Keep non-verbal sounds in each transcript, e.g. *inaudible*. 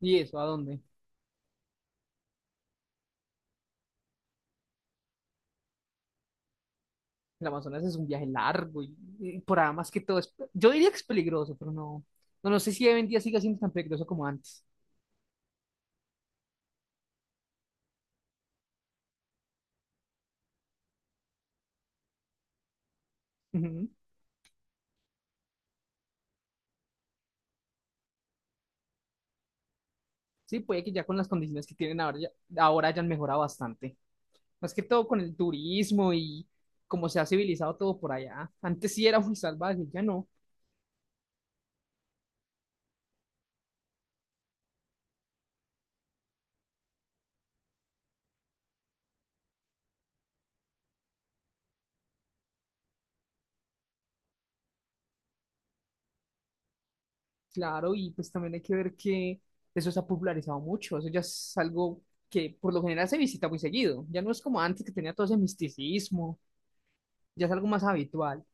¿Y eso a dónde? El Amazonas es un viaje largo y por ahí más que todo es, yo diría que es peligroso, pero no sé si hoy en día siga siendo tan peligroso como antes. Ujú. Sí, puede que ya con las condiciones que tienen ahora, ya, ahora hayan mejorado bastante. Más que todo con el turismo y cómo se ha civilizado todo por allá. Antes sí era muy salvaje, ya no. Claro, y pues también hay que ver que eso se ha popularizado mucho. Eso ya es algo que por lo general se visita muy seguido. Ya no es como antes que tenía todo ese misticismo, ya es algo más habitual.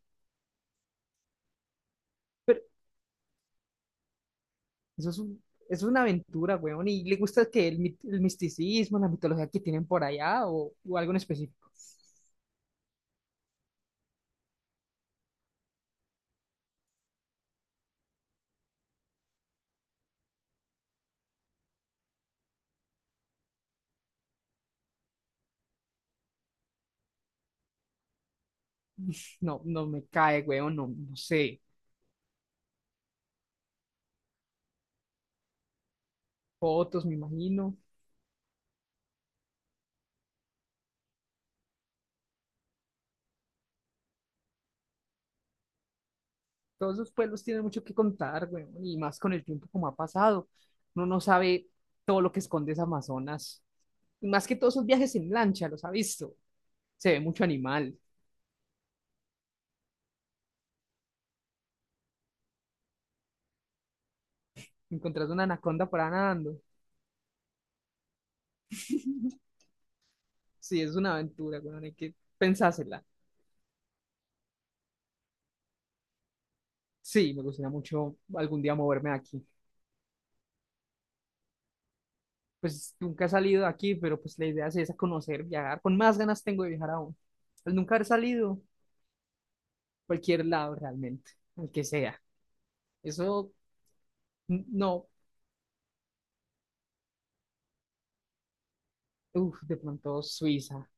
Eso es un- es una aventura, weón. ¿Y le gusta que el misticismo, la mitología que tienen por allá o algo en específico? *laughs* No, no me cae, weón. No, no sé. Fotos, me imagino. Todos esos pueblos tienen mucho que contar, weón. Y más con el tiempo como ha pasado. Uno no sabe todo lo que esconde ese Amazonas. Y más que todos esos viajes en lancha, los ha visto. Se ve mucho animal. Encontrás una anaconda por ahí nadando. *laughs* Sí, es una aventura, weón. Hay que pensársela. Sí, me gustaría mucho algún día moverme de aquí. Pues nunca he salido de aquí, pero pues la idea sí es esa, conocer, viajar. Con más ganas tengo de viajar aún. Al nunca haber salido, cualquier lado realmente, al que sea. Eso, n- no, uff, de pronto Suiza.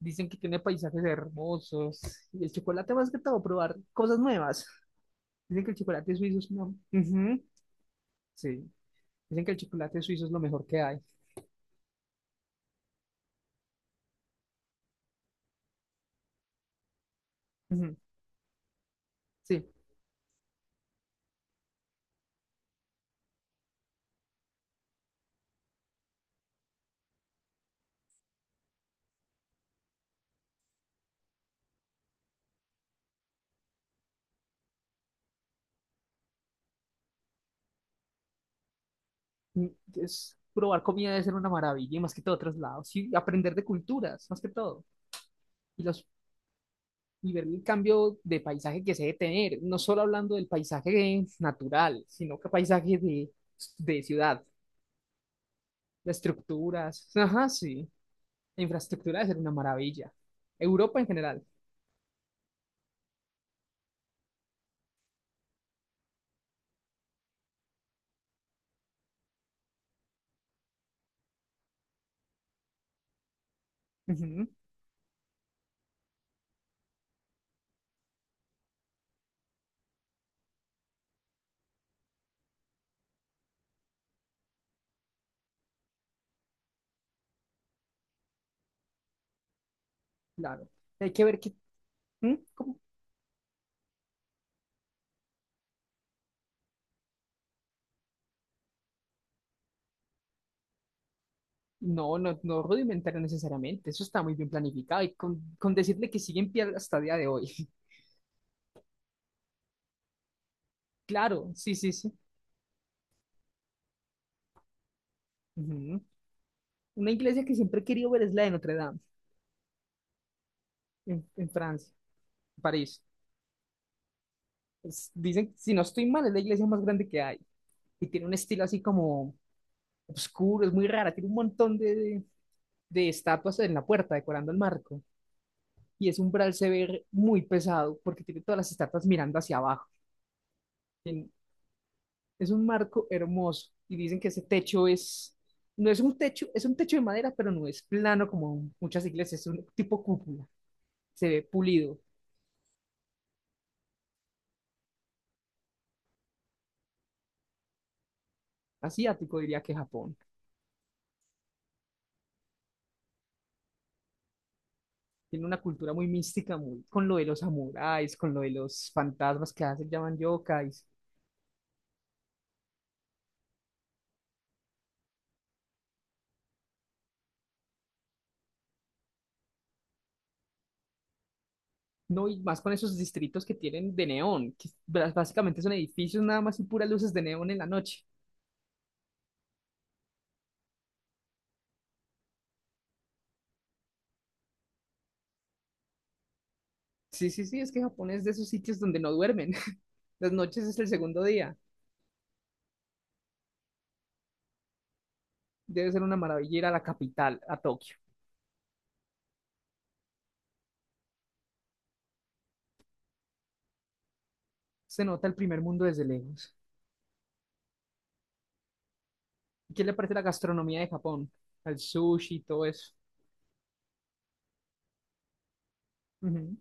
Dicen que tiene paisajes hermosos. Y el chocolate más que todo, probar cosas nuevas. Dicen que el chocolate suizo es no. Ujú. Sí. Dicen que el chocolate suizo es lo mejor que hay. Ujú. Sí. Mm. Es, probar comida debe ser una maravilla, y más que todo otros lados. Y aprender de culturas, más que todo. Y los y ver el cambio de paisaje que se debe tener, no solo hablando del paisaje natural, sino que paisaje de ciudad, las estructuras, ajá, sí, la infraestructura debe ser una maravilla. Europa en general, ujú, claro. Hay que ver que, ¿mm? ¿Cómo? No, no, no rudimentario necesariamente, eso está muy bien planificado y con decirle que sigue en pie hasta el día de hoy. *laughs* Claro, sí, sí, sí. Ujú. Una iglesia que siempre he querido ver es la de Notre Dame, en Francia, en París. Dicen, si no estoy mal, es la iglesia más grande que hay. Y tiene un estilo así como oscuro, es muy rara. Tiene un montón de estatuas en la puerta decorando el marco. Y ese umbral se ve muy pesado porque tiene todas las estatuas mirando hacia abajo. Tien- es un marco hermoso. Y dicen que ese techo es, no es un techo, es un techo de madera, pero no es plano como muchas iglesias, es un tipo cúpula. Se ve pulido. Asiático diría que Japón. Tiene una cultura muy mística, muy con lo de los samuráis, con lo de los fantasmas que hacen, llaman yokais. No, y más con esos distritos que tienen de neón, que básicamente son edificios nada más y puras luces de neón en la noche. Sí, sí, sí, es que Japón es de esos sitios donde no duermen. *laughs* Las noches es el segundo día. Debe ser una maravilla ir a la capital, a Tokio. Se nota el primer mundo desde lejos. ¿Qué le parece la gastronomía de Japón? El sushi y todo eso. Ujú.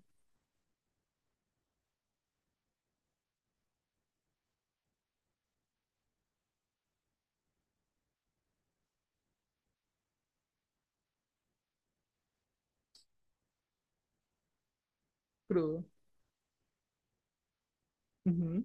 Crudo. Ujú.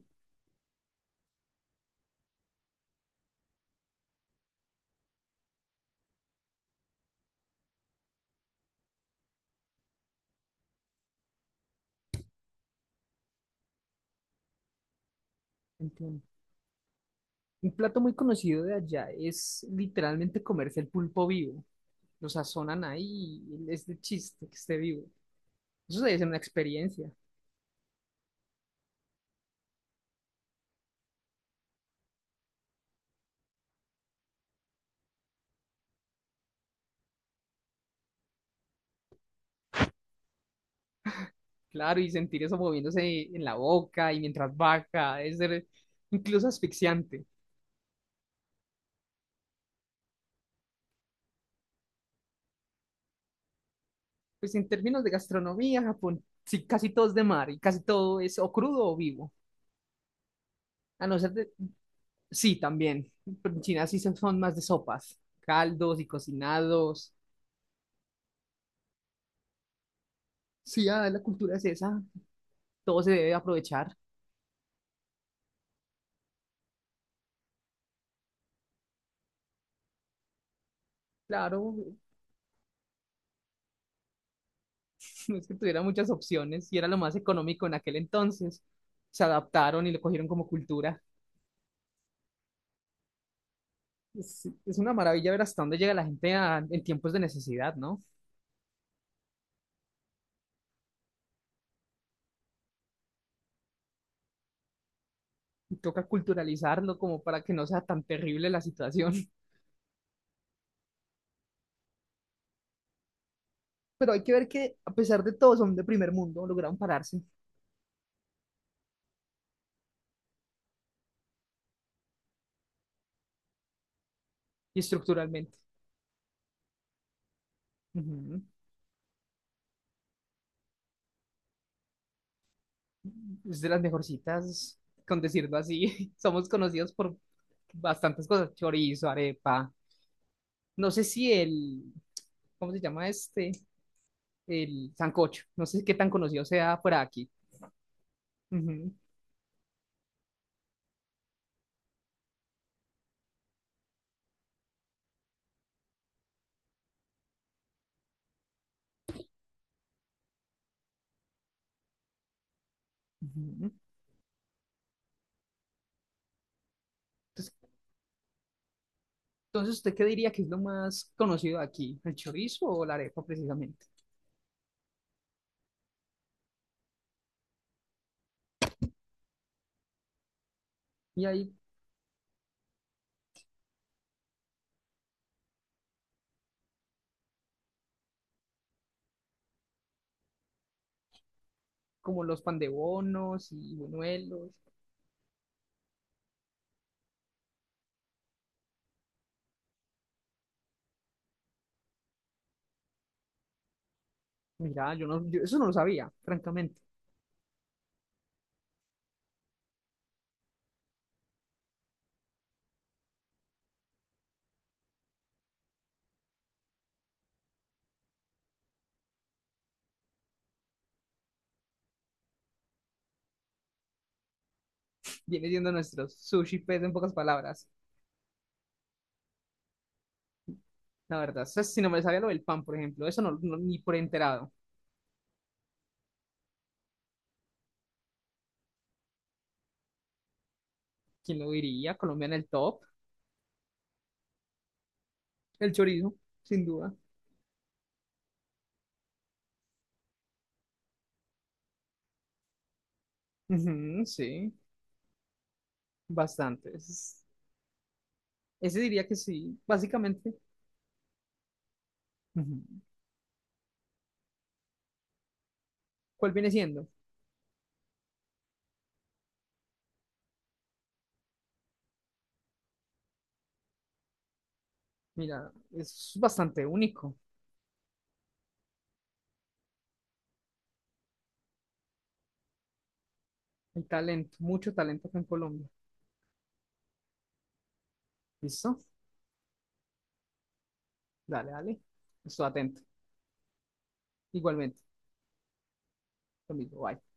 Entiendo. Un plato muy conocido de allá es literalmente comerse el pulpo vivo. Lo sazonan ahí y es de chiste que esté vivo. Eso debe ser una experiencia, claro, y sentir eso moviéndose en la boca y mientras baja, debe ser incluso asfixiante. Pues en términos de gastronomía, Japón, sí, casi todo es de mar y casi todo es o crudo o vivo. A no ser de... Sí, también. Pero en China sí son más de sopas, caldos y cocinados. Sí, ah, la cultura es esa, todo se debe aprovechar. Claro. *laughs* No es que tuviera muchas opciones y era lo más económico en aquel entonces. Se adaptaron y lo cogieron como cultura. Es una maravilla ver hasta dónde llega la gente en tiempos de necesidad, ¿no? Y toca culturalizarlo como para que no sea tan terrible la situación. *laughs* Pero hay que ver que a pesar de todo son de primer mundo, lograron pararse y estructuralmente. Ujú. Es de las mejorcitas, con decirlo así. *laughs* Somos conocidos por bastantes cosas, chorizo, arepa. No sé si el, ¿cómo se llama este? El sancocho. No sé qué tan conocido sea fuera de aquí. Ujú, ujú. Entonces, entonces, ¿usted qué diría que es lo más conocido de aquí? ¿El chorizo o la arepa precisamente? Y hay como los pandebonos y buñuelos. Mira, yo no, yo eso no lo sabía, francamente. Viene siendo nuestros sushi pues en pocas palabras. La verdad, eso si no me sabía lo del pan, por ejemplo, eso ni por enterado. ¿Quién lo diría? Colombia en el top. El chorizo, sin duda. Ujú, sí, bastante. Ese diría que sí, básicamente. Ujú. ¿Cuál viene siendo? Mira, es bastante único. Hay talento, mucho talento acá en Colombia. ¿Listo? Dale, dale. Estoy atento. Igualmente, lo mismo. Bye.